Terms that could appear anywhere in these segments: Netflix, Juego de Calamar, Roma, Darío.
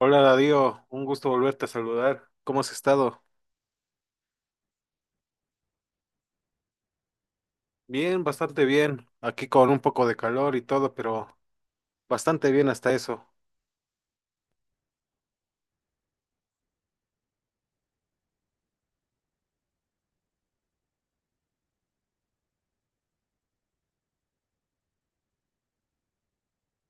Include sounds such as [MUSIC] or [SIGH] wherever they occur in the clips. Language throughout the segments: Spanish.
Hola Darío, un gusto volverte a saludar. ¿Cómo has estado? Bien, bastante bien. Aquí con un poco de calor y todo, pero bastante bien hasta eso.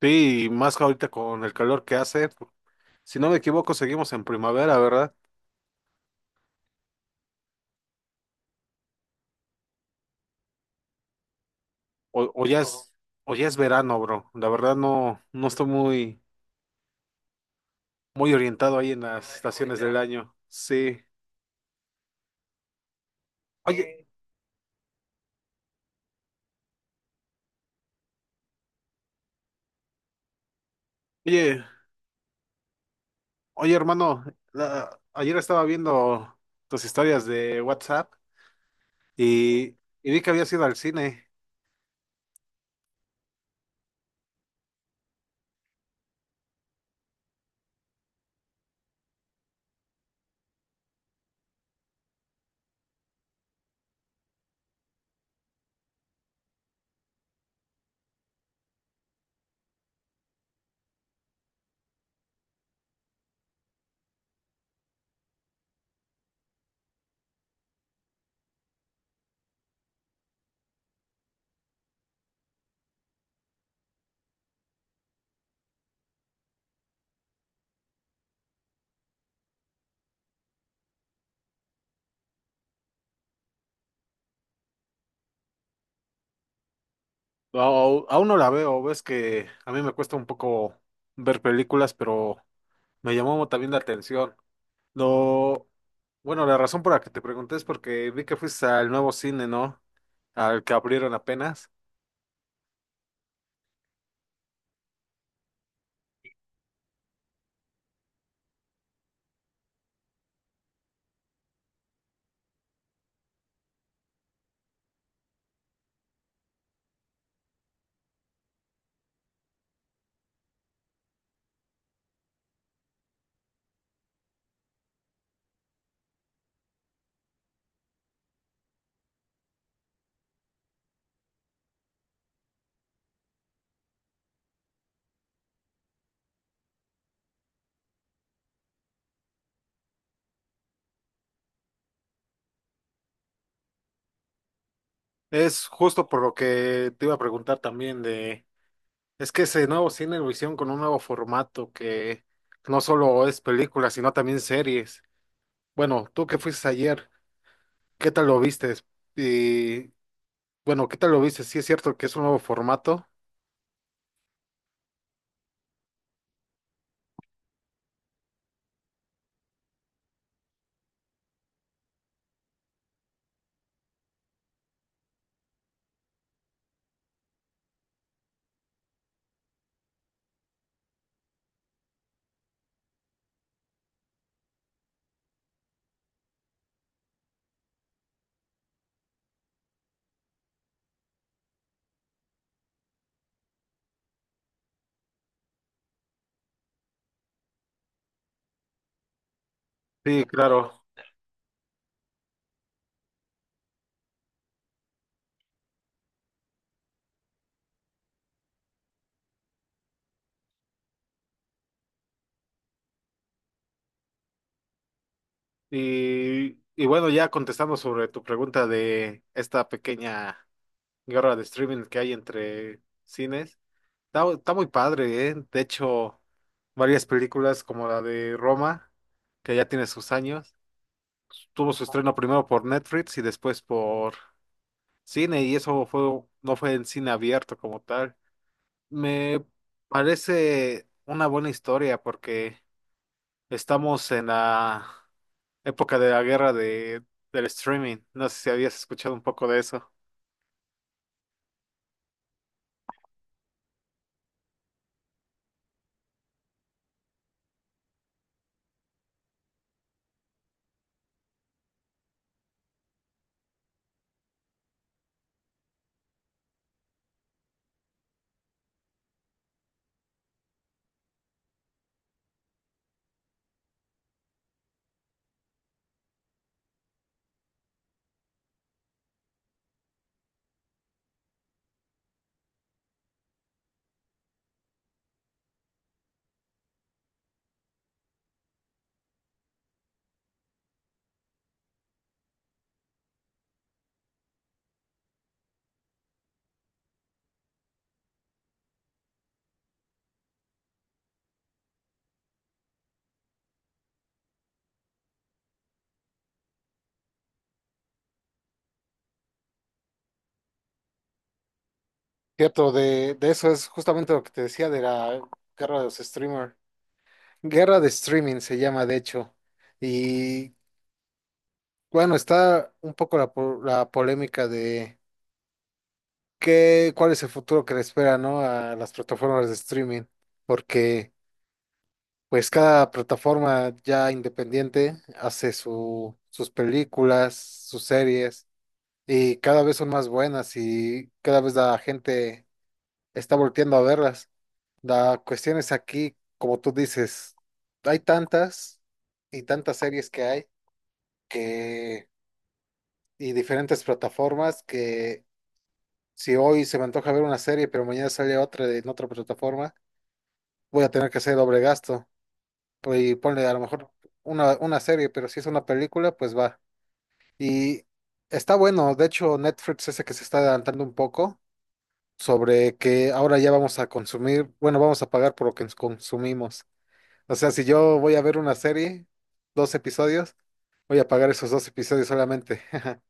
Sí, y más ahorita con el calor que hace. Si no me equivoco, seguimos en primavera, ¿verdad? O, o ya es, o ya es verano, bro. La verdad no, no estoy muy, muy orientado ahí en las estaciones del año. Sí. Oye, oye, oye, hermano, ayer estaba viendo tus historias de WhatsApp y, y vi que habías ido al cine. Aún no la veo, ves que a mí me cuesta un poco ver películas, pero me llamó también la atención. Lo, bueno, la razón por la que te pregunté es porque vi que fuiste al nuevo cine, ¿no? Al que abrieron apenas. Es justo por lo que te iba a preguntar también es que ese nuevo cine lo hicieron con un nuevo formato que no solo es películas, sino también series. Bueno, tú que fuiste ayer, ¿qué tal lo viste? Y bueno, ¿qué tal lo viste? ¿Sí es cierto que es un nuevo formato? Sí, claro. Y bueno, ya contestando sobre tu pregunta de esta pequeña guerra de streaming que hay entre cines, está muy padre, ¿eh? De hecho, varias películas como la de Roma, que ya tiene sus años, tuvo su estreno primero por Netflix y después por cine, y eso fue, no fue en cine abierto como tal. Me parece una buena historia porque estamos en la época de la guerra del streaming. No sé si habías escuchado un poco de eso. Cierto, de eso es justamente lo que te decía de la guerra de los streamers. Guerra de streaming se llama, de hecho. Y bueno, está un poco la polémica de cuál es el futuro que le espera, ¿no? A las plataformas de streaming. Porque pues cada plataforma ya independiente hace sus películas, sus series. Y cada vez son más buenas y cada vez la gente está volteando a verlas. La cuestión es aquí, como tú dices, hay tantas y tantas series que hay que y diferentes plataformas que si hoy se me antoja ver una serie, pero mañana sale otra en otra plataforma, voy a tener que hacer doble gasto. Pues, y ponle a lo mejor una serie, pero si es una película, pues va. Y está bueno, de hecho Netflix ese que se está adelantando un poco sobre que ahora ya vamos a consumir, bueno, vamos a pagar por lo que consumimos. O sea, si yo voy a ver una serie, dos episodios, voy a pagar esos dos episodios solamente. [LAUGHS]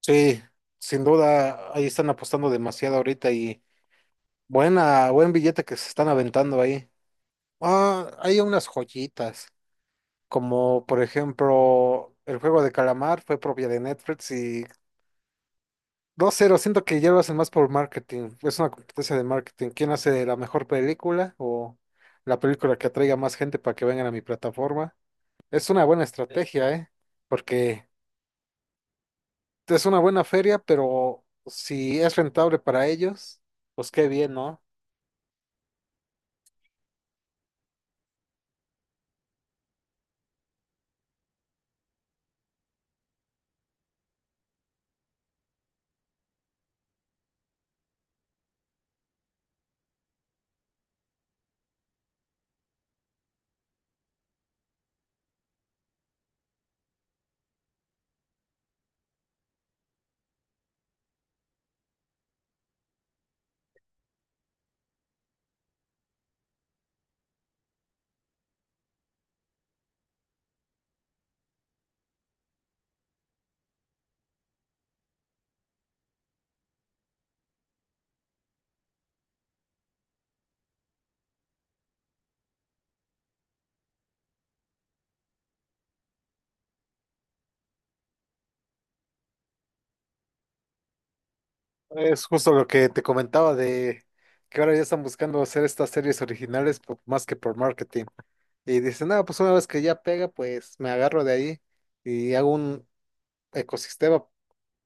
Sí, sin duda, ahí están apostando demasiado ahorita y buen billete que se están aventando ahí. Ah, hay unas joyitas, como por ejemplo, el juego de calamar fue propia de Netflix y dos cero siento que ya lo hacen más por marketing. Es una competencia de marketing. ¿Quién hace la mejor película o la película que atraiga más gente para que vengan a mi plataforma? Es una buena, sí, estrategia, ¿eh? Porque es una buena feria, pero si es rentable para ellos, pues qué bien, ¿no? Es justo lo que te comentaba de que ahora ya están buscando hacer estas series originales más que por marketing. Y dicen, no, pues una vez que ya pega, pues me agarro de ahí y hago un ecosistema.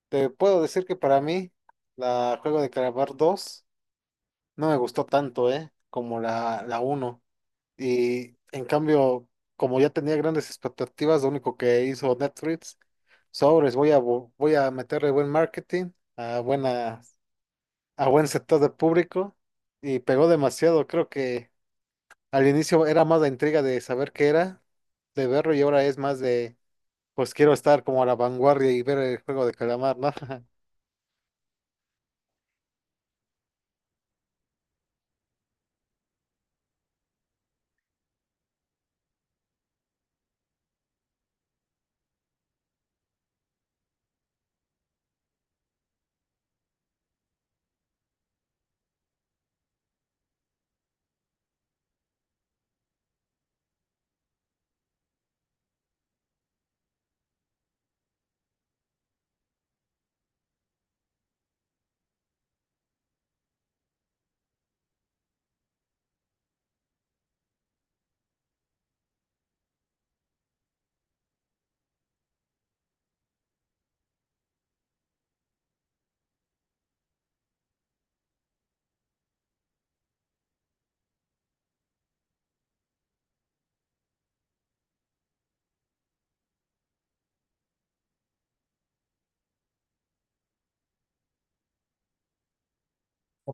Te puedo decir que para mí la Juego de Calamar 2 no me gustó tanto, ¿eh? Como la uno. Y en cambio, como ya tenía grandes expectativas, lo único que hizo Netflix, sobres, voy a meterle buen marketing, a, buena, a buen sector de público, y pegó demasiado. Creo que al inicio era más la intriga de saber qué era, de verlo, y ahora es más pues quiero estar como a la vanguardia y ver el Juego de Calamar, ¿no? [LAUGHS]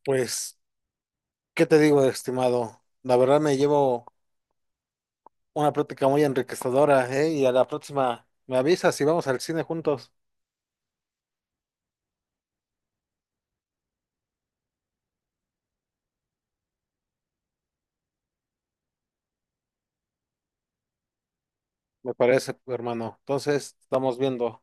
Pues, ¿qué te digo, estimado? La verdad me llevo una plática muy enriquecedora, ¿eh? Y a la próxima me avisas si vamos al cine juntos. Me parece, hermano. Entonces, estamos viendo.